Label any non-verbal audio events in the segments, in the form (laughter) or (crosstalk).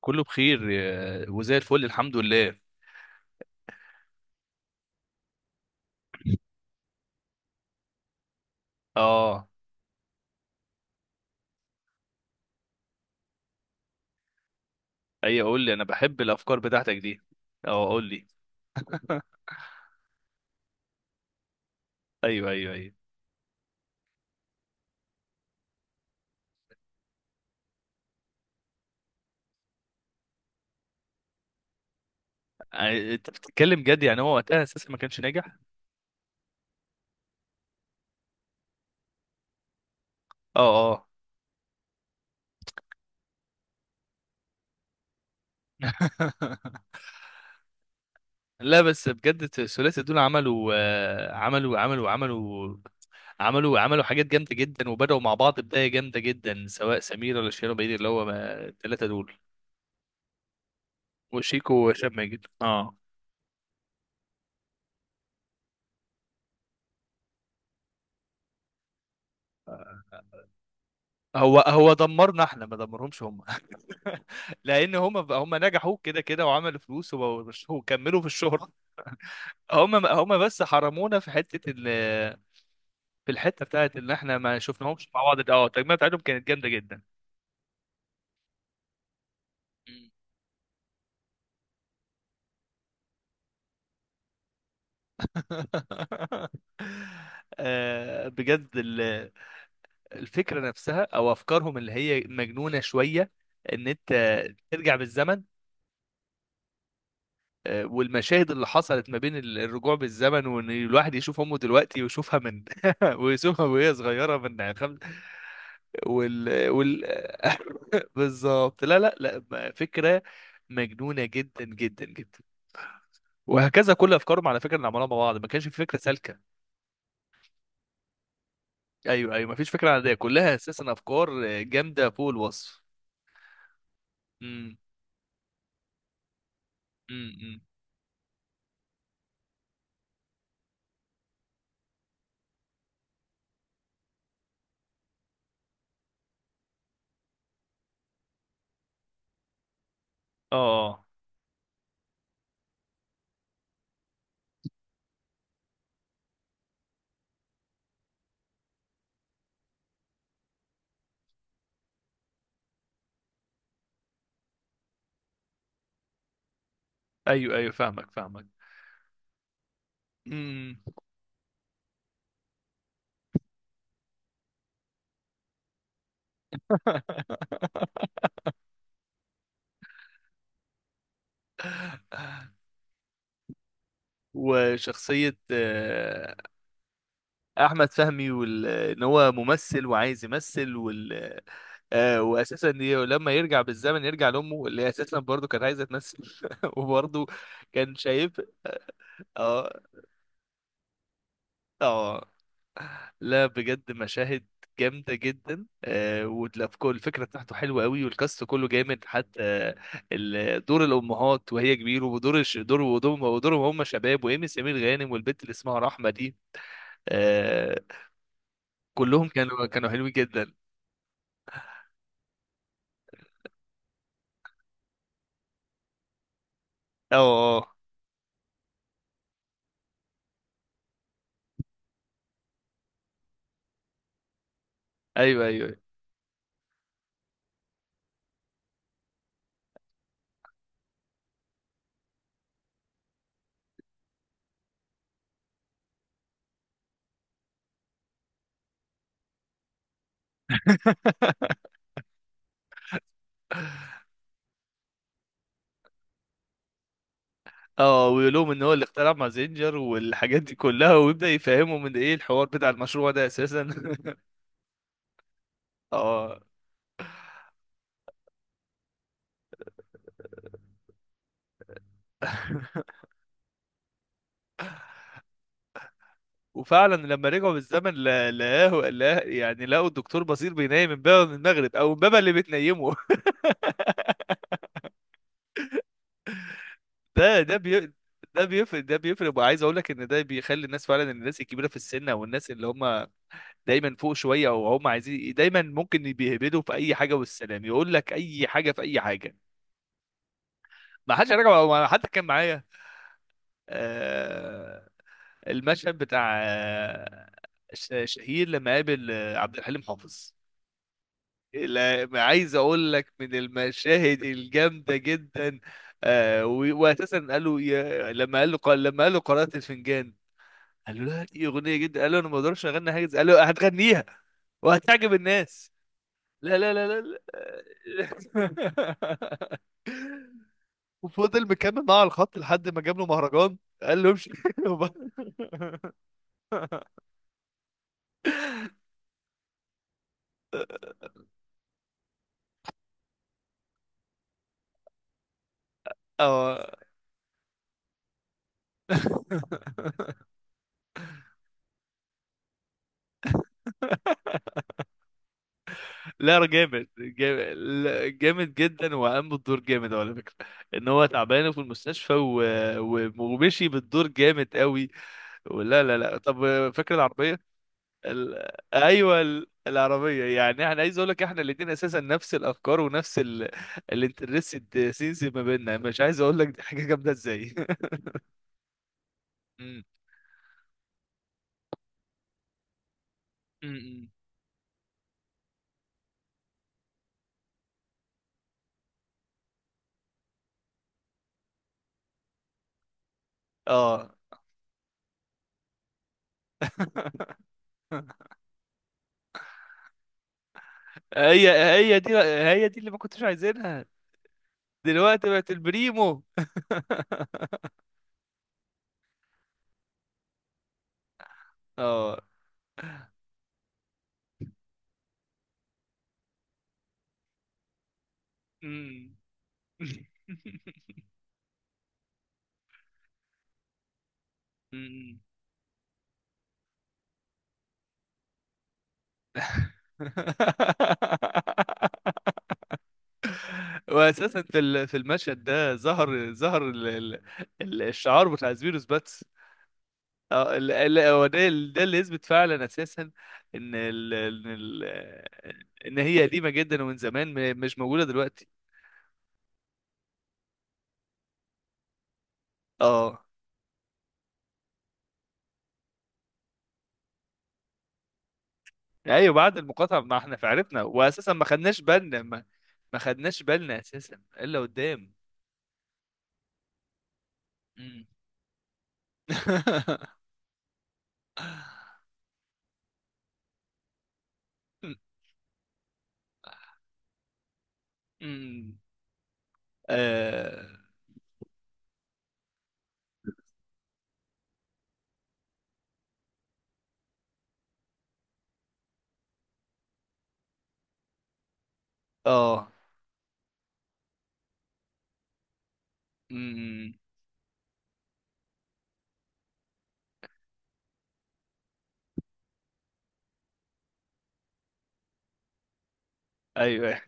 كله بخير يا- وزي الفل الحمد لله. اه ايوه قول لي، انا بحب الافكار بتاعتك دي. اه قول لي. ايوه ايوه ايوه. آه، انت بتتكلم جد؟ يعني هو وقتها اساسا ما كانش ناجح؟ اه اه. (laughs) لا بس بجد الثلاثي دول عملوا عملوا حاجات جامده جدا، وبداوا مع بعض بدايه جامده جدا، سواء سمير ولا شيرين بعيد اللي هو ما- الثلاثه دول. وشيكو وهشام ماجد، اه. هو دمرنا احنا، ما دمرهمش هم. (laughs) لان هم نجحوا كده كده وعملوا فلوس وبقوا- وكملوا في الشهرة. هم بس حرمونا في حتة ال في الحتة بتاعت ان احنا ما شفناهمش مع بعض، اه التجميع بتاعتهم كانت جامدة جدا. مم. (laughs) آه، بجد ال- الفكرة نفسها او افكارهم اللي هي مجنونة شوية، ان انت ترجع بالزمن. آه، والمشاهد اللي حصلت ما بين ال- الرجوع بالزمن، وان الواحد يشوف امه دلوقتي ويشوفها من (laughs) ويشوفها وهي صغيرة من خمس. وال (laughs) بالظبط. لا ما- فكرة مجنونة جدا جدا جدا. وهكذا كل افكارهم على فكرة اللي عملوها مع بعض، ما كانش في فكرة سالكة. ايوه ايوه، ما فيش فكرة عادية، كلها اساسا افكار جامدة فوق الوصف. امم امم. اه. آه. ايوه ايوه، فاهمك فاهمك. امم. (laughs) وشخصية آه، احمد فهمي وال... ان هو ممثل وعايز يمثل وال... آه واساسا ي- لما يرجع بالزمن يرجع لامه اللي هي اساسا برضه كانت عايزه تمثل. (laughs) وبرضه كان شايف. اه اه. لا بجد مشاهد جامده جدا، آه ولا في كل الفكره بتاعته حلوه قوي، والكاست كله جامد. حتى ال- دور الامهات وهي كبيره ودور الش... دور ودورهم ودورهم هم شباب، وايمي سمير غانم والبنت اللي اسمها رحمه دي. آه، كلهم كانوا حلوين جدا. اه، آه، آه. ايوه ايوه، أيوة. (laughs) اه ويقولهم ان هو اللي اخترع مازينجر والحاجات دي كلها، ويبدأ يفهمهم من ايه الحوار بتاع المشروع ده اساسا. (laughs) اه وفعلا لما رجعوا بالزمن لا- لقاه لا يعني لقوا الدكتور بصير بينام امبابة من المغرب، او امبابة اللي بتنيمه. (laughs) ده ده بي ده بيفرق وعايز اقول لك ان ده بيخلي الناس فعلا، الناس الكبيره في السن او الناس اللي هم دايما فوق شويه، او هم عايزين دايما، ممكن بيهبدوا في اي حاجه والسلام، يقول لك اي حاجه في اي حاجه. ما حدش رجع، ما حد كان معايا. آه المشهد بتاع آه ش- شهير لما قابل آه، عبد الحليم حافظ. لا- عايز اقول لك من المشاهد الجامده جدا. آه و- واساسا قال له يا- لما قال له قارئة الفنجان، قال له لا دي اغنيه جدا، قال له انا ما اقدرش اغني حاجه زي- قال له هتغنيها وهتعجب الناس. لا لا لا لا، لا. (laughs) وفضل مكمل معاه على الخط لحد ما جاب له مهرجان، قال له امشي. (laughs) اه. (laughs) لا جامد جامد، لا، جامد جدا، وقام بالدور جامد على فكره. ان هو تعبان في المستشفى و... و... ومشي بالدور جامد قوي. ولا لا لا، طب فاكر العربيه؟ ال... ايوه ال... العربيه، يعني انا عايز اقول لك احنا الاثنين اساسا نفس الافكار ونفس ال... الانترستد سينز ما بيننا، مش عايز اقول لك دي حاجه جامده ازاي. (laughs) م- م- م. اه. (laughs) هي هي دي اللي ما كنتش عايزينها. دلوقتي بقت البريمو. اه. مم. مم. (laughs) (laughs) واساسا في ال- في المشهد ده ظهر ظهر ال- الشعار بتاع سبيروس باتس. اه ال- ال- هو ده، ده اللي يثبت فعلا اساسا ان ال ان هي قديمه جدا، ومن زمان م- مش موجوده دلوقتي. اه ايوه بعد المقاطعه ما احنا عرفنا، واساسا ما خدناش بالنا ما, ما خدناش بالنا اساسا الا قدام. (laughs) أمم. اه. آه. أمم. ايوه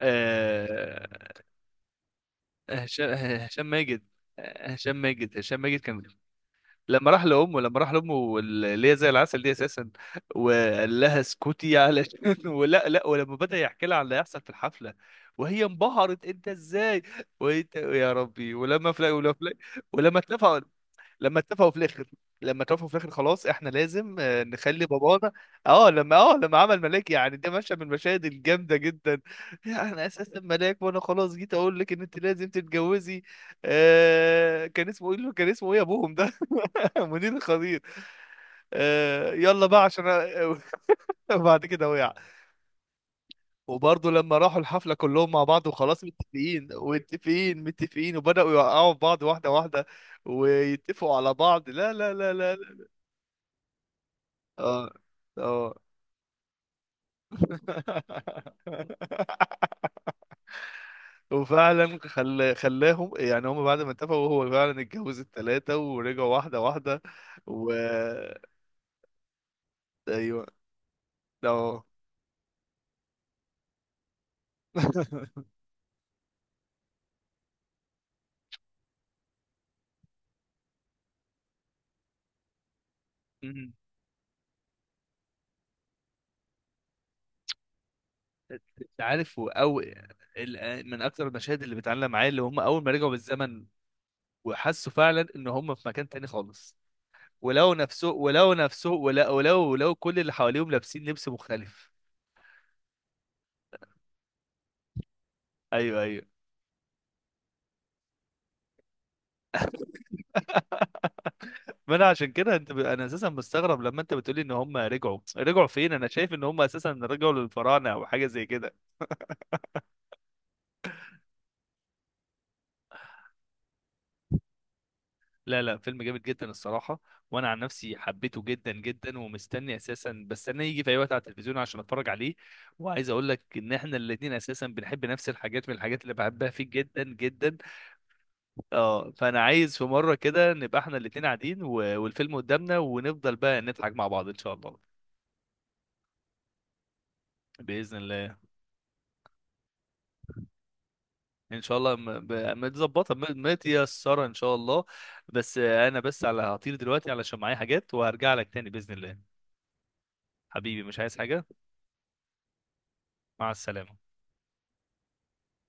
آه، هشام هشام ماجد هشام ماجد كان لما راح لامه، لما راح لامه اللي هي زي العسل دي اساسا، وقال لها اسكتي علشان. (laughs) ولا لا، ولما بدأ يحكي لها عن اللي هيحصل في الحفله وهي انبهرت انت ازاي، وانت يا ربي. ولما فلا ولما فلا ولما اتفقوا لما اتفقوا في الاخر لما اتفقوا في الاخر خلاص احنا لازم آه، نخلي بابانا. اه لما اه لما عمل ملاك، يعني ده مشهد من المشاهد الجامده جدا. يعني انا اساسا ملاك وانا خلاص جيت اقول لك ان انت لازم تتجوزي. آه كان اسمه ايه؟ كان اسمه ايه ابوهم ده؟ (laughs) منير الخطير. آه يلا بقى عشان أ-. (laughs) بعد كده وقع. وبرضه لما راحوا الحفله كلهم مع بعض، وخلاص متفقين متفقين متفقين، وبداوا يوقعوا في بعض واحده واحده، ويتفقوا على بعض. لا لا لا لا. اه اه. (laughs) وفعلا خل... خلاهم، يعني هم بعد ما اتفقوا، هو فعلا اتجوز التلاتة ورجعوا واحدة واحدة. و ايوه. اه. (laughs) مم. انت عارف هو او ال- من اكتر المشاهد اللي بتعلم معايا اللي هم اول ما رجعوا بالزمن، وحسوا فعلا ان هم في مكان تاني خالص. ولو نفسه ولو كل اللي حواليهم لابسين لبس مختلف. ايوه ايوه. ما انا عشان كده انت ب... انا اساسا مستغرب لما انت بتقولي ان هم رجعوا فين، انا شايف ان هم اساسا رجعوا للفراعنه او حاجه زي كده. لا لا فيلم جامد جدا الصراحه. وانا عن نفسي حبيته جدا جدا، ومستني اساسا بستناه يجي في اي وقت على التلفزيون عشان اتفرج عليه. وعايز اقول لك ان احنا الاتنين اساسا بنحب نفس الحاجات، من الحاجات اللي بحبها فيه جدا جدا. اه فانا عايز في مره كده نبقى احنا الاتنين قاعدين و... والفيلم قدامنا، ونفضل بقى نضحك مع بعض ان شاء الله. باذن الله. ان شاء الله. متظبطه متيسره ان شاء الله. بس آه، انا بس على هطير دلوقتي علشان معايا حاجات، وهرجع لك تاني باذن الله. حبيبي مش عايز حاجه. مع السلامه.